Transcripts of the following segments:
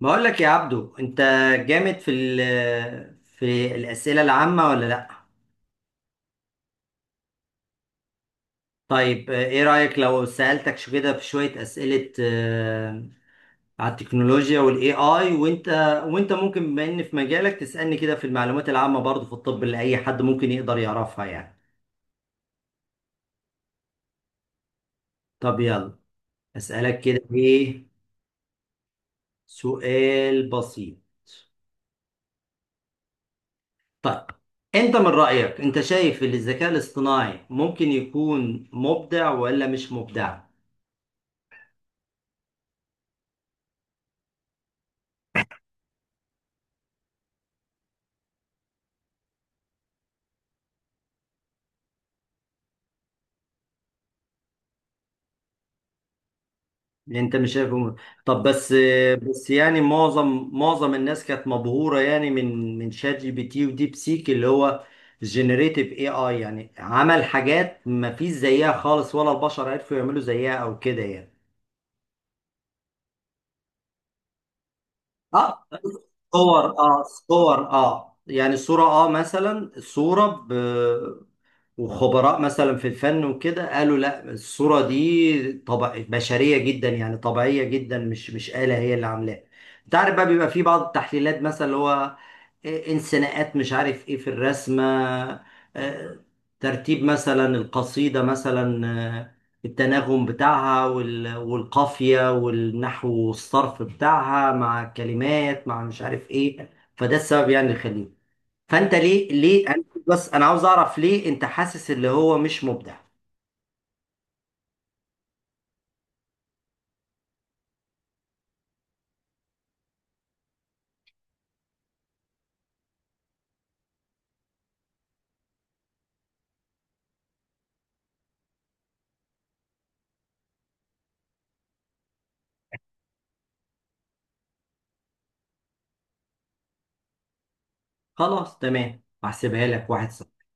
بقول لك يا عبدو انت جامد في الأسئلة العامة ولا لا. طيب ايه رأيك لو سألتك شو كده في شوية أسئلة على التكنولوجيا والاي اي وانت ممكن بما ان في مجالك تسألني كده في المعلومات العامة برضه في الطب اللي اي حد ممكن يقدر يعرفها يعني. طب يلا أسألك كده ايه سؤال بسيط. طيب، انت من رأيك انت شايف ان الذكاء الاصطناعي ممكن يكون مبدع ولا مش مبدع؟ انت مش شايفه م- طب بس بس يعني معظم الناس كانت مبهوره يعني من شات جي بي تي وديب سيك اللي هو جينيريتيف اي اي، يعني عمل حاجات ما فيش زيها خالص، ولا البشر عرفوا يعملوا زيها او كده يعني. اه اه صور، يعني صوره، مثلا صوره، وخبراء مثلا في الفن وكده قالوا لا الصورة دي طبع بشرية جدا يعني طبيعية جدا، مش آلة هي اللي عاملاها. انت عارف بقى بيبقى في بعض التحليلات مثلا اللي هو انسناءات مش عارف ايه في الرسمة، آه، ترتيب مثلا القصيدة مثلا، آه، التناغم بتاعها والقافية والنحو والصرف بتاعها مع كلمات مع مش عارف ايه. فده السبب يعني اللي خليني. فانت ليه ليه أنا بس انا عاوز اعرف ليه انت حاسس اللي هو مش مبدع. خلاص تمام، هحسبها لك واحد صفر.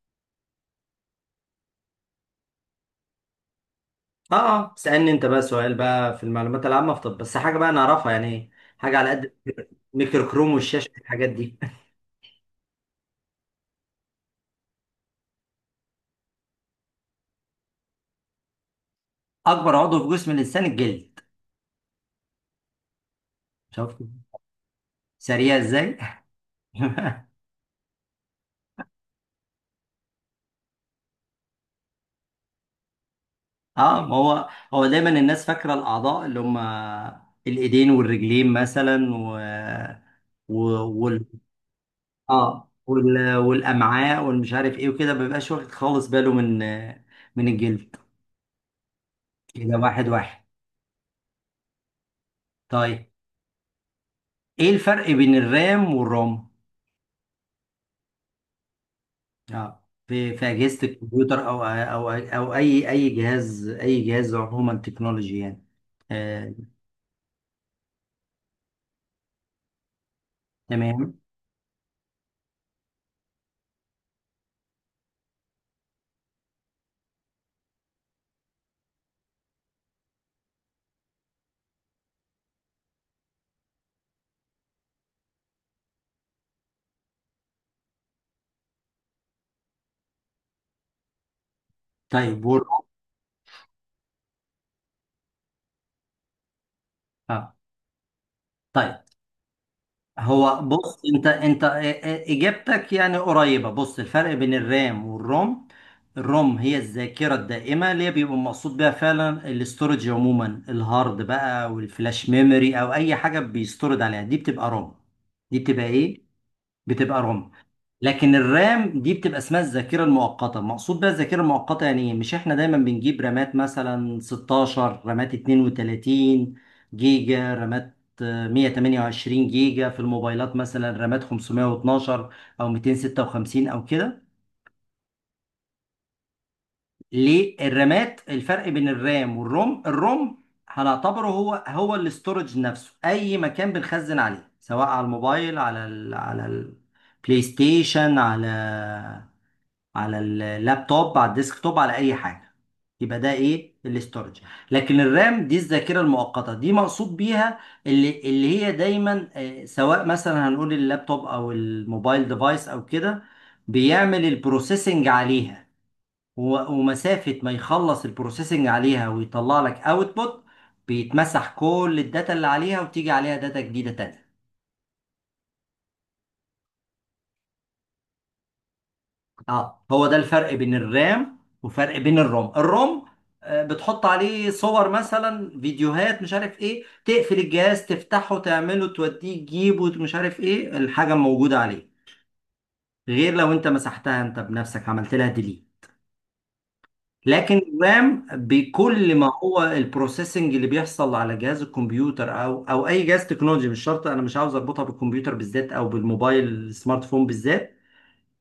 اه اسالني انت بقى سؤال بقى في المعلومات العامه في طب، بس حاجه بقى نعرفها يعني، حاجه على قد ميكرو كروم والشاشه الحاجات دي. اكبر عضو في جسم الانسان الجلد. شفت سريع ازاي؟ اه، ما هو دايما الناس فاكره الاعضاء اللي هم الايدين والرجلين مثلا و... و... اه وال... والامعاء والمش عارف ايه وكده، ما بيبقاش واخد خالص باله من الجلد. كده واحد واحد. طيب، ايه الفرق بين الرام والروم؟ اه في اجهزه الكمبيوتر او اي جهاز، اي جهاز عموما تكنولوجي يعني. آه. تمام. طيب والروم؟ اه طيب، هو بص انت اجابتك يعني قريبه. بص، الفرق بين الرام والروم: الروم هي الذاكره الدائمه اللي هي بيبقى مقصود بيها فعلا الاستورج، عموما الهارد بقى والفلاش ميموري او اي حاجه بيستورد عليها، دي بتبقى روم. دي بتبقى ايه؟ بتبقى روم. لكن الرام دي بتبقى اسمها الذاكره المؤقته. مقصود بيها الذاكره المؤقته يعني ايه؟ مش احنا دايما بنجيب رامات مثلا 16 رامات 32 جيجا رامات، 128 جيجا في الموبايلات مثلا رامات 512 او 256 او كده. ليه الرامات الفرق بين الرام والروم؟ الروم هنعتبره هو الاستورج نفسه، اي مكان بنخزن عليه سواء على الموبايل، على ال على البلاي ستيشن، على على اللابتوب، على الديسكتوب، على اي حاجه، يبقى ده ايه؟ الاستورج. لكن الرام دي الذاكره المؤقته، دي مقصود بيها اللي هي دايما، سواء مثلا هنقول اللابتوب او الموبايل ديفايس او كده، بيعمل البروسيسنج عليها. و- ومسافه ما يخلص البروسيسنج عليها ويطلع لك اوتبوت، بيتمسح كل الداتا اللي عليها وتيجي عليها داتا جديده تانية. اه هو ده الفرق بين الرام وفرق بين الروم. الروم بتحط عليه صور مثلا، فيديوهات مش عارف ايه، تقفل الجهاز تفتحه تعمله توديه تجيبه مش عارف ايه، الحاجة موجودة عليه، غير لو انت مسحتها انت بنفسك عملت لها ديليت. لكن الرام بكل ما هو البروسيسنج اللي بيحصل على جهاز الكمبيوتر او اي جهاز تكنولوجي، مش شرط، انا مش عاوز اربطها بالكمبيوتر بالذات او بالموبايل السمارت فون بالذات،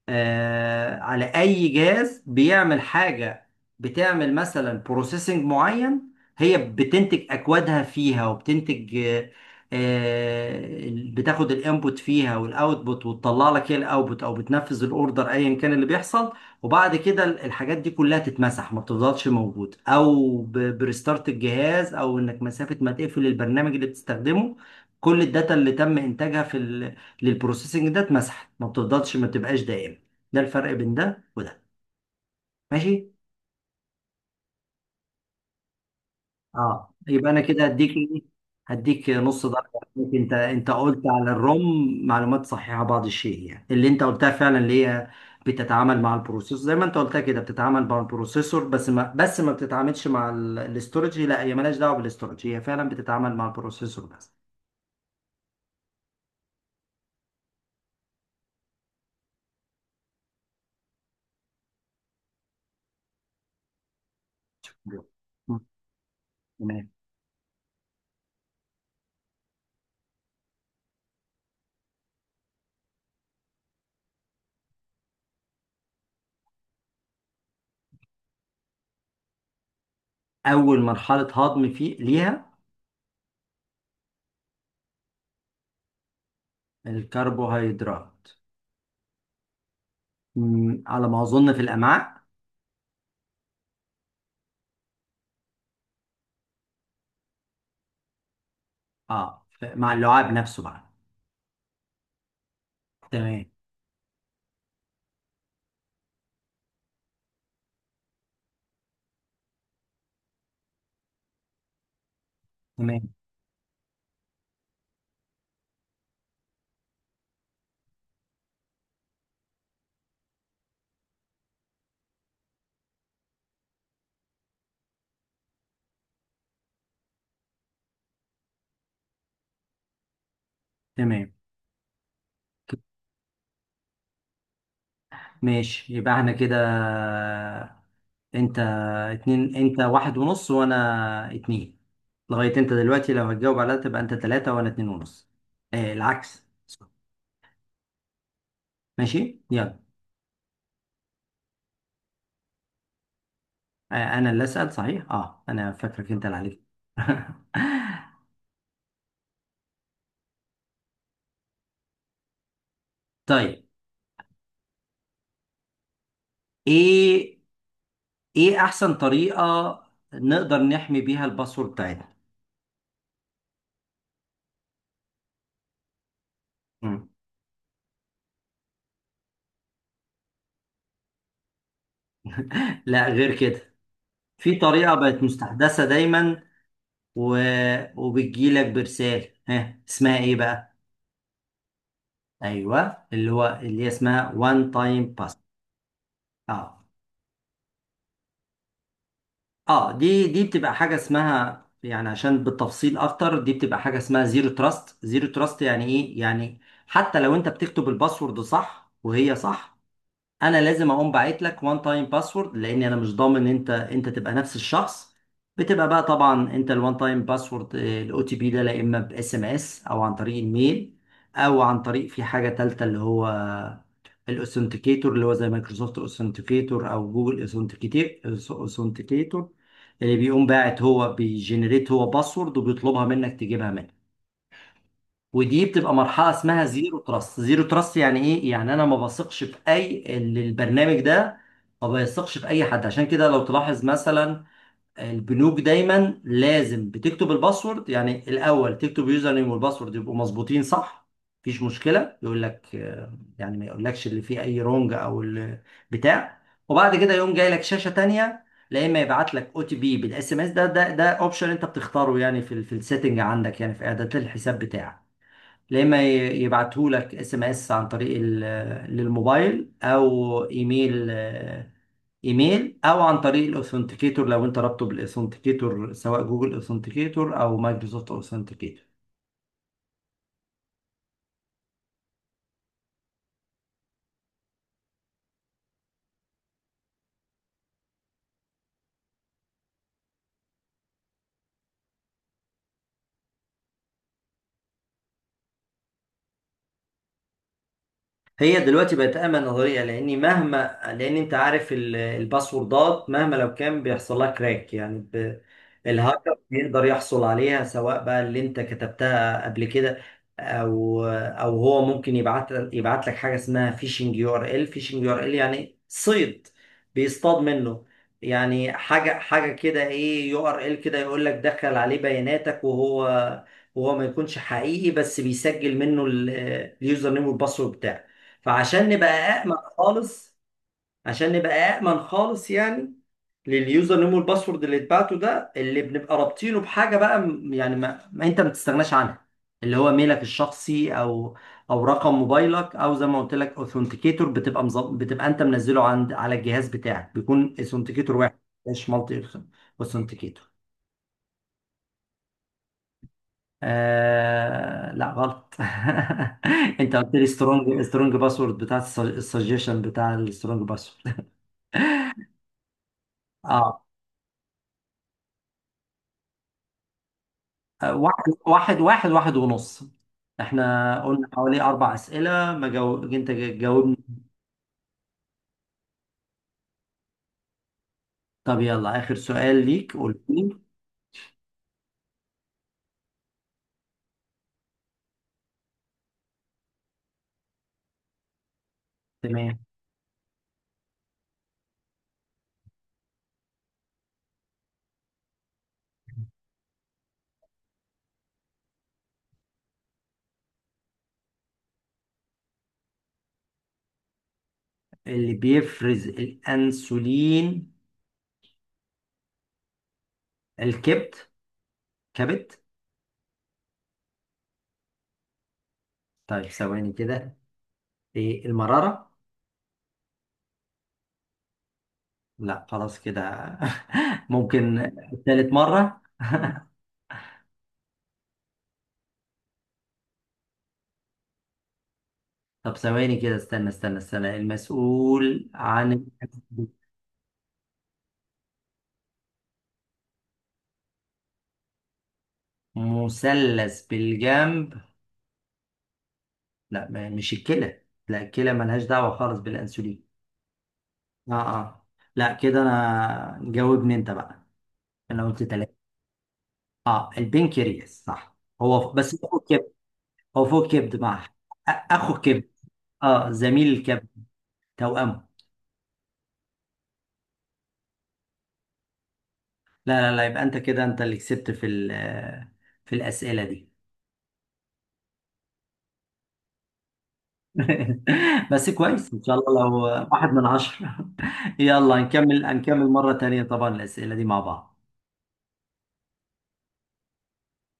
على اي جهاز بيعمل حاجه بتعمل مثلا بروسيسنج معين، هي بتنتج اكوادها فيها وبتنتج، بتاخد الانبوت فيها والاوتبوت وتطلع لك هي الاوتبوت او بتنفذ الاوردر ايا كان اللي بيحصل. وبعد كده الحاجات دي كلها تتمسح، ما بتفضلش موجوده، او بريستارت الجهاز او انك مسافه ما تقفل البرنامج اللي بتستخدمه، كل الداتا اللي تم انتاجها في للبروسيسنج ده اتمسحت، ما بتفضلش، ما بتبقاش دائمه. ده الفرق بين ده وده. ماشي. اه يبقى انا كده هديك ايه، هديك نص درجه عليك. انت قلت على الروم معلومات صحيحه بعض الشيء يعني، اللي انت قلتها فعلا اللي هي بتتعامل مع البروسيسور، زي ما انت قلتها كده بتتعامل مع البروسيسور بس، ما بتتعاملش مع الاستورج، لا هي مالهاش دعوه بالاستورج، هي فعلا بتتعامل مع البروسيسور بس. مم. تمام. اول مرحله هضم فيه ليها الكربوهيدرات، على ما اظن في الامعاء. اه مع اللعاب نفسه بقى. تمام. تمام. تمام. ماشي يبقى احنا كده، انت اتنين، انت واحد ونص وانا اتنين. لغاية انت دلوقتي لو هتجاوب على ده تبقى انت تلاتة وانا اتنين ونص. اه العكس. ماشي يلا. اه انا اللي اسأل صحيح، اه انا فاكرك انت اللي عليك. طيب، ايه ايه احسن طريقة نقدر نحمي بيها الباسورد بتاعتنا؟ مم. لا غير كده، في طريقة بقت مستحدثة دايما و... وبتجيلك برسالة، ها اسمها ايه بقى؟ ايوه، اللي هي اسمها وان تايم باس. اه اه دي بتبقى حاجة اسمها يعني، عشان بالتفصيل اكتر، دي بتبقى حاجة اسمها زيرو تراست. زيرو تراست يعني ايه؟ يعني حتى لو انت بتكتب الباسورد صح وهي صح، انا لازم اقوم باعت لك وان تايم باسورد، لان انا مش ضامن انت تبقى نفس الشخص. بتبقى بقى طبعا انت الوان تايم باسورد الاو تي بي ده، لا اما باس ام اس او عن طريق الميل او عن طريق، في حاجه تالته اللي هو الاوثنتيكيتور اللي هو زي مايكروسوفت اوثنتيكيتور او جوجل اوثنتيكيتور، اللي بيقوم باعت هو، بيجنريت هو باسورد وبيطلبها منك تجيبها منه. ودي بتبقى مرحله اسمها زيرو تراست. زيرو تراست يعني ايه؟ يعني انا ما بثقش في اي البرنامج ده، ما بيثقش في اي حد. عشان كده لو تلاحظ مثلا البنوك دايما لازم بتكتب الباسورد، يعني الاول تكتب يوزر نيم والباسورد يبقوا مظبوطين صح، مفيش مشكله، يقول لك يعني ما يقولكش اللي فيه اي رونج او بتاع، وبعد كده يقوم جاي لك شاشه تانية، لا اما يبعت لك او تي بي بالاس ام اس، ده اوبشن انت بتختاره يعني في في السيتنج عندك يعني في اعدادات الحساب بتاعك، يا اما يبعتهولك اس ام اس عن طريق للموبايل او ايميل، ايميل او عن طريق الاوثنتيكيتور لو انت رابطه بالاوثنتيكيتور سواء جوجل اوثنتيكيتور او مايكروسوفت اوثنتيكيتور. هي دلوقتي بقت امن نظريه، لاني مهما، لان انت عارف الباسوردات مهما لو كان بيحصل لها كراك يعني ب... الهاكر بيقدر يحصل عليها، سواء بقى اللي انت كتبتها قبل كده او هو ممكن يبعت لك حاجه اسمها فيشنج يو ار ال. فيشنج يو ار ال يعني صيد، بيصطاد منه يعني، حاجه كده، ايه يو ار ال كده يقول لك دخل عليه بياناتك، وهو ما يكونش حقيقي بس بيسجل منه اليوزر نيم والباسورد بتاعك. فعشان نبقى أأمن خالص، عشان نبقى أأمن خالص يعني لليوزر نيم والباسورد، اللي اتبعته ده اللي بنبقى رابطينه بحاجة بقى يعني ما انت ما تستغناش عنها، اللي هو ميلك الشخصي او رقم موبايلك، او زي ما قلت لك اوثنتيكيتور بتبقى مظب... بتبقى انت منزله عند على الجهاز بتاعك بيكون اوثنتيكيتور واحد، مش مالتي اوثنتيكيتور. آه... لا غلط. انت قلت لي سترونج باسورد بتاع السجيشن بتاع السترونج باسورد. اه واحد واحد، واحد ونص. احنا قلنا حوالي أربع أسئلة. ما جو... أنت جاوبني. طب يلا آخر سؤال ليك، قول لي. تمام. اللي بيفرز الأنسولين الكبد، كبد. طيب ثواني كده، ايه المرارة؟ لا خلاص كده. ممكن ثالث مرة؟ طب ثواني كده، استنى المسؤول عن مثلث بالجنب. لا مش الكلى؟ لا الكلى ملهاش دعوة خالص بالأنسولين. اه اه لا كده انا جاوبني انت بقى، انا قلت ثلاثة. اه البنكرياس صح، هو بس هو فوق الكبد. هو فوق الكبد مع اخو الكبد. اه زميل الكبد، توأمه. لا يبقى انت كده انت اللي كسبت في في الأسئلة دي. بس كويس ان شاء الله لو واحد من عشرة. يلا نكمل، نكمل مرة تانية طبعا الأسئلة دي مع بعض.